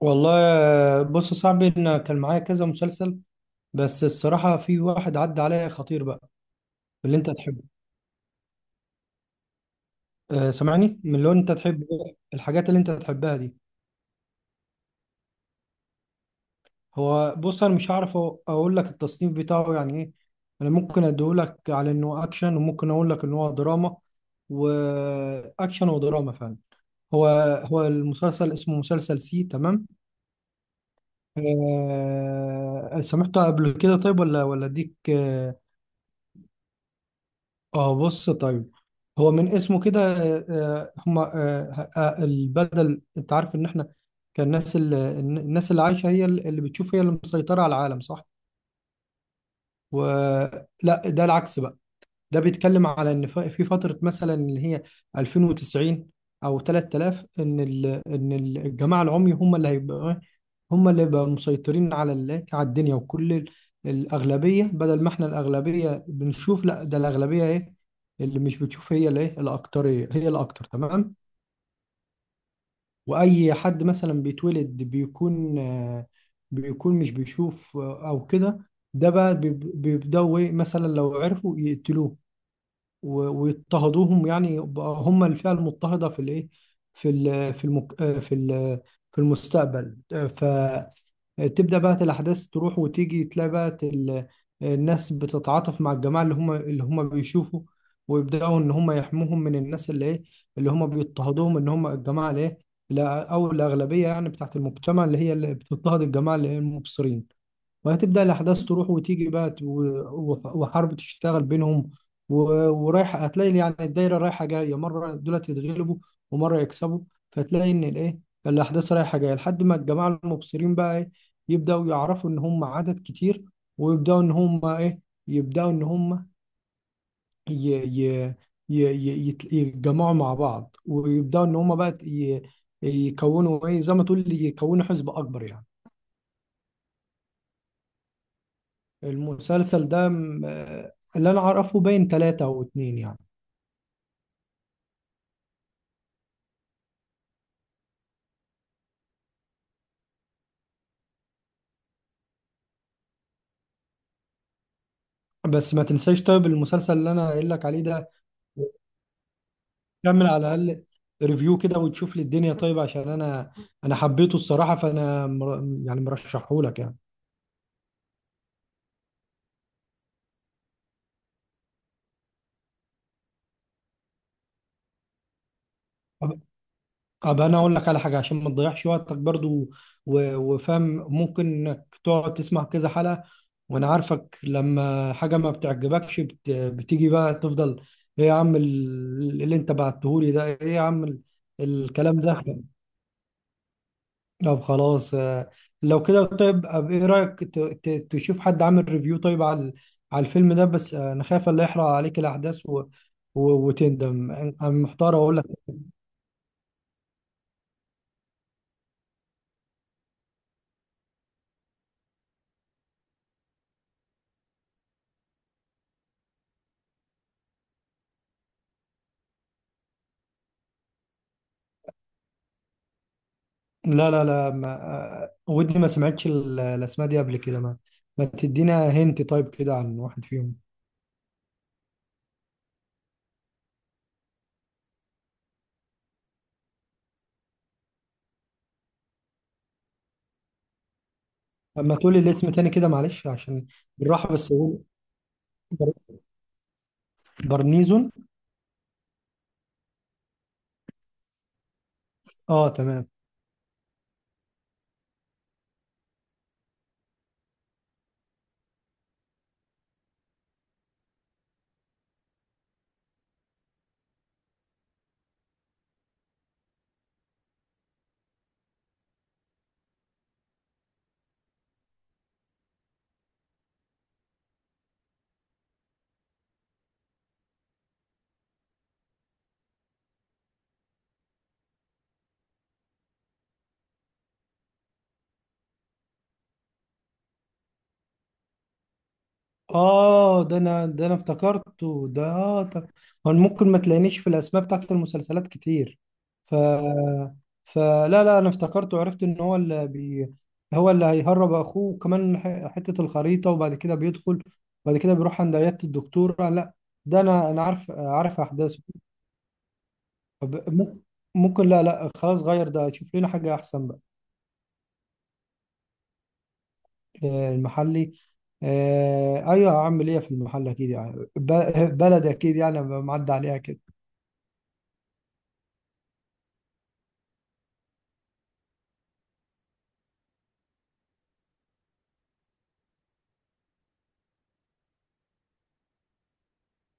والله، بص يا صاحبي، انا كان معايا كذا مسلسل. بس الصراحه في واحد عدى عليا خطير بقى اللي انت تحبه. أه، سامعني، من اللي انت تحبه إيه؟ الحاجات اللي انت تحبها دي. هو بص انا مش هعرف اقول لك التصنيف بتاعه يعني ايه. انا ممكن اديهولك على انه اكشن، وممكن اقول لك ان هو دراما، واكشن ودراما فعلا. هو هو المسلسل اسمه مسلسل سي تمام. أه، سمعته قبل كده طيب ولا اديك اه بص طيب. هو من اسمه كده هما البدل، انت عارف ان احنا كان الناس الناس اللي عايشه هي اللي بتشوف، هي اللي مسيطره على العالم، صح ولا ده العكس بقى. ده بيتكلم على ان في فتره مثلا اللي هي 2090 او 3000، ان الجماعه العمي هم اللي هيبقوا، هم اللي بقى مسيطرين على على الدنيا، وكل الأغلبية. بدل ما احنا الأغلبية بنشوف، لا، ده الأغلبية ايه اللي مش بتشوف هي الايه، الأكترية هي الأكتر تمام. وأي حد مثلا بيتولد بيكون بيكون مش بيشوف أو كده، ده بقى بيبدأوا ايه، مثلا لو عرفوا يقتلوه ويضطهدوهم، يعني يبقى هم الفئة المضطهدة في الايه، في ال في المك في ال في المستقبل. فتبدأ بقى الأحداث تروح وتيجي، تلاقي بقى الناس بتتعاطف مع الجماعة اللي هم بيشوفوا، ويبدأوا إن هم يحموهم من الناس اللي إيه، اللي هم بيضطهدوهم، إن هم الجماعة اللي إيه، أو الأغلبية يعني بتاعت المجتمع اللي هي اللي بتضطهد الجماعة اللي هي المبصرين. وهتبدأ الأحداث تروح وتيجي بقى وحرب تشتغل بينهم ورايح، هتلاقي يعني الدايرة رايحة جاية، مرة دولت يتغلبوا ومرة يكسبوا. فتلاقي إن الإيه، الأحداث رايحة جاية لحد ما الجماعة المبصرين بقى إيه، يبدأوا يعرفوا إن هم عدد كتير، ويبدأوا إن هم إيه، يبدأوا إن هم ي... ي... يتجمعوا مع بعض، ويبدأوا إن هم بقى يكونوا إيه، زي ما تقول يكونوا حزب أكبر يعني. المسلسل ده اللي انا اعرفه باين ثلاثة او اتنين يعني. بس ما تنساش، طيب المسلسل اللي انا قايل لك عليه ده كمل على الاقل ريفيو كده، وتشوف لي الدنيا طيب عشان انا حبيته الصراحة، فانا يعني مرشحه لك يعني. طب انا اقول لك على حاجه عشان ما تضيعش وقتك برضو وفاهم، ممكن انك تقعد تسمع كذا حلقه، وانا عارفك لما حاجه ما بتعجبكش بتيجي بقى تفضل: ايه يا عم، اللي انت بعتهولي ده ايه يا عم، الكلام ده. طب خلاص، لو كده طيب، ايه رايك تشوف حد عامل ريفيو طيب على على الفيلم ده، بس انا خايف اللي يحرق عليك الاحداث و... وتندم. أنا محتار اقول لك. لا لا لا، ما آه، ودي ما سمعتش الاسماء دي قبل كده، ما تدينا هنت طيب كده عن واحد فيهم. اما تقولي الاسم تاني كده، معلش، عشان بالراحه، بس هو بر- برنيزون. اه تمام. اه، ده انا افتكرته، ده آه، طب هو ممكن ما تلاقينيش في الاسماء بتاعت المسلسلات كتير. ف فلا لا، انا افتكرته، عرفت ان هو هو اللي هيهرب اخوه، وكمان حتة الخريطة، وبعد كده بيدخل، وبعد كده بيروح عند عيادة الدكتور. آه لا، ده انا عارف احداثه. طب ممكن، لا لا خلاص، غير ده شوف لنا حاجة احسن بقى. المحلي؟ ايوه، هعمل ايه في المحل اكيد يعني، بلد اكيد يعني معدي عليها كده.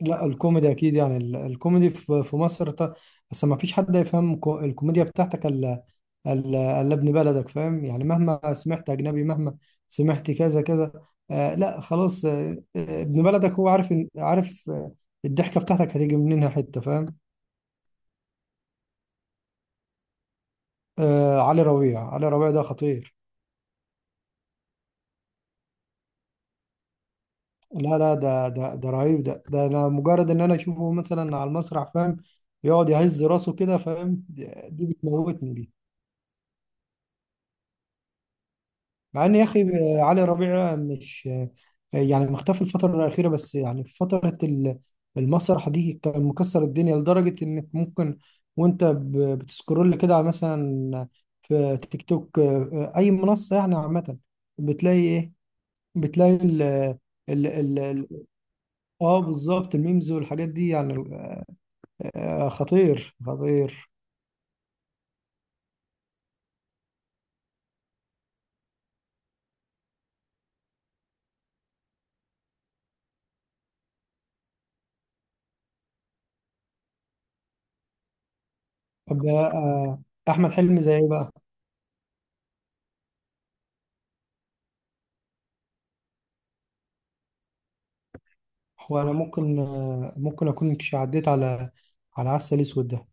لا الكوميدي اكيد يعني، الكوميدي في مصر، بس ما فيش حد يفهم الكوميديا بتاعتك الا، إلا ابن بلدك فاهم، يعني مهما سمعت اجنبي، مهما سمعت كذا كذا، آه لا خلاص، ابن بلدك هو عارف عارف الضحكه بتاعتك هتيجي منين، حته فاهم. آه، علي ربيع، علي ربيع ده خطير. لا لا، ده رهيب، ده ده انا مجرد ان انا اشوفه مثلا على المسرح، فاهم، يقعد يهز راسه كده، فاهم، دي بتموتني دي. مع ان يا اخي علي ربيع، مش يعني مختفي الفتره الاخيره، بس يعني في فتره المسرح دي كان مكسر الدنيا، لدرجه انك ممكن وانت بتسكرول كده، على مثلا في تيك توك اي منصه يعني عامه، بتلاقي ايه، بتلاقي ال ال ال- اه بالظبط، الميمز والحاجات دي يعني، خطير خطير. طب احمد حلمي زي ايه بقى؟ هو انا ممكن، اكون عديت على عسل اسود ده.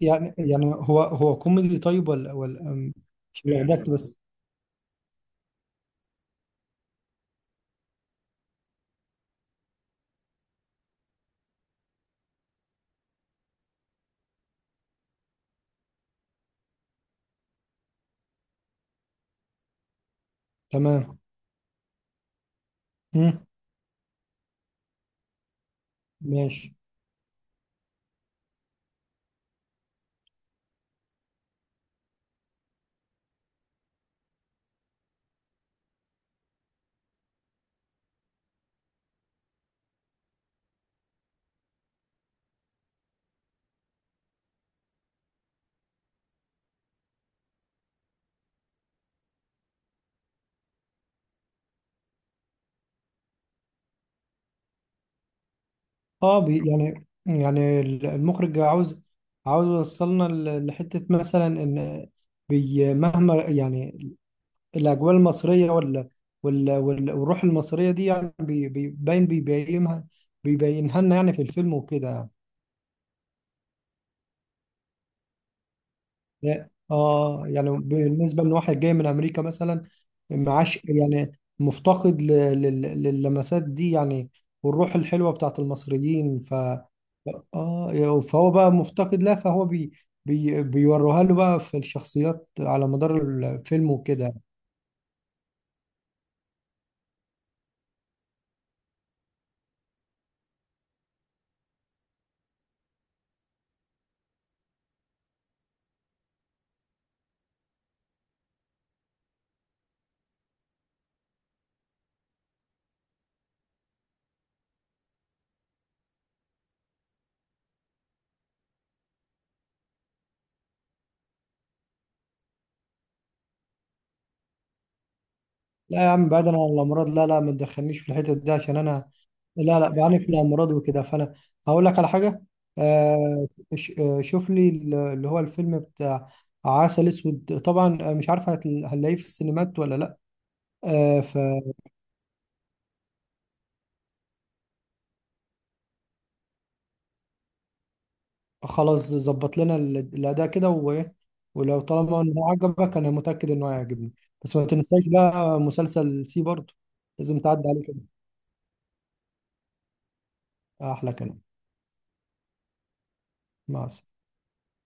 يعني هو كوميدي طيب، ولا مش بيعجبك بس. تمام. مم. ماشي. اه يعني المخرج عاوز، عاوز يوصلنا لحتة مثلا، ان مهما يعني الاجواء المصرية والروح المصرية دي، يعني بيبينها، بيبينها لنا يعني في الفيلم وكده. اه يعني بالنسبه ان واحد جاي من امريكا مثلا، معاش يعني مفتقد للمسات دي، يعني والروح الحلوه بتاعت المصريين. اه فهو بقى مفتقد لها، فهو بي بي بيوروها له بقى في الشخصيات على مدار الفيلم وكده. لا يا عم، بعيدا عن الامراض، لا لا، ما تدخلنيش في الحتت دي عشان انا، لا لا بعاني من امراض وكده، فانا هقول لك على حاجه. آه، شوف لي اللي هو الفيلم بتاع عسل اسود طبعا، مش عارف هنلاقيه في السينمات ولا لا. آه فخلاص، ظبط لنا الاداء كده، وايه، ولو طالما انه عجبك انا متاكد انه هيعجبني. بس ما تنساش بقى مسلسل سي برضه، لازم تعدي عليه كده. احلى كلام. مع السلامه.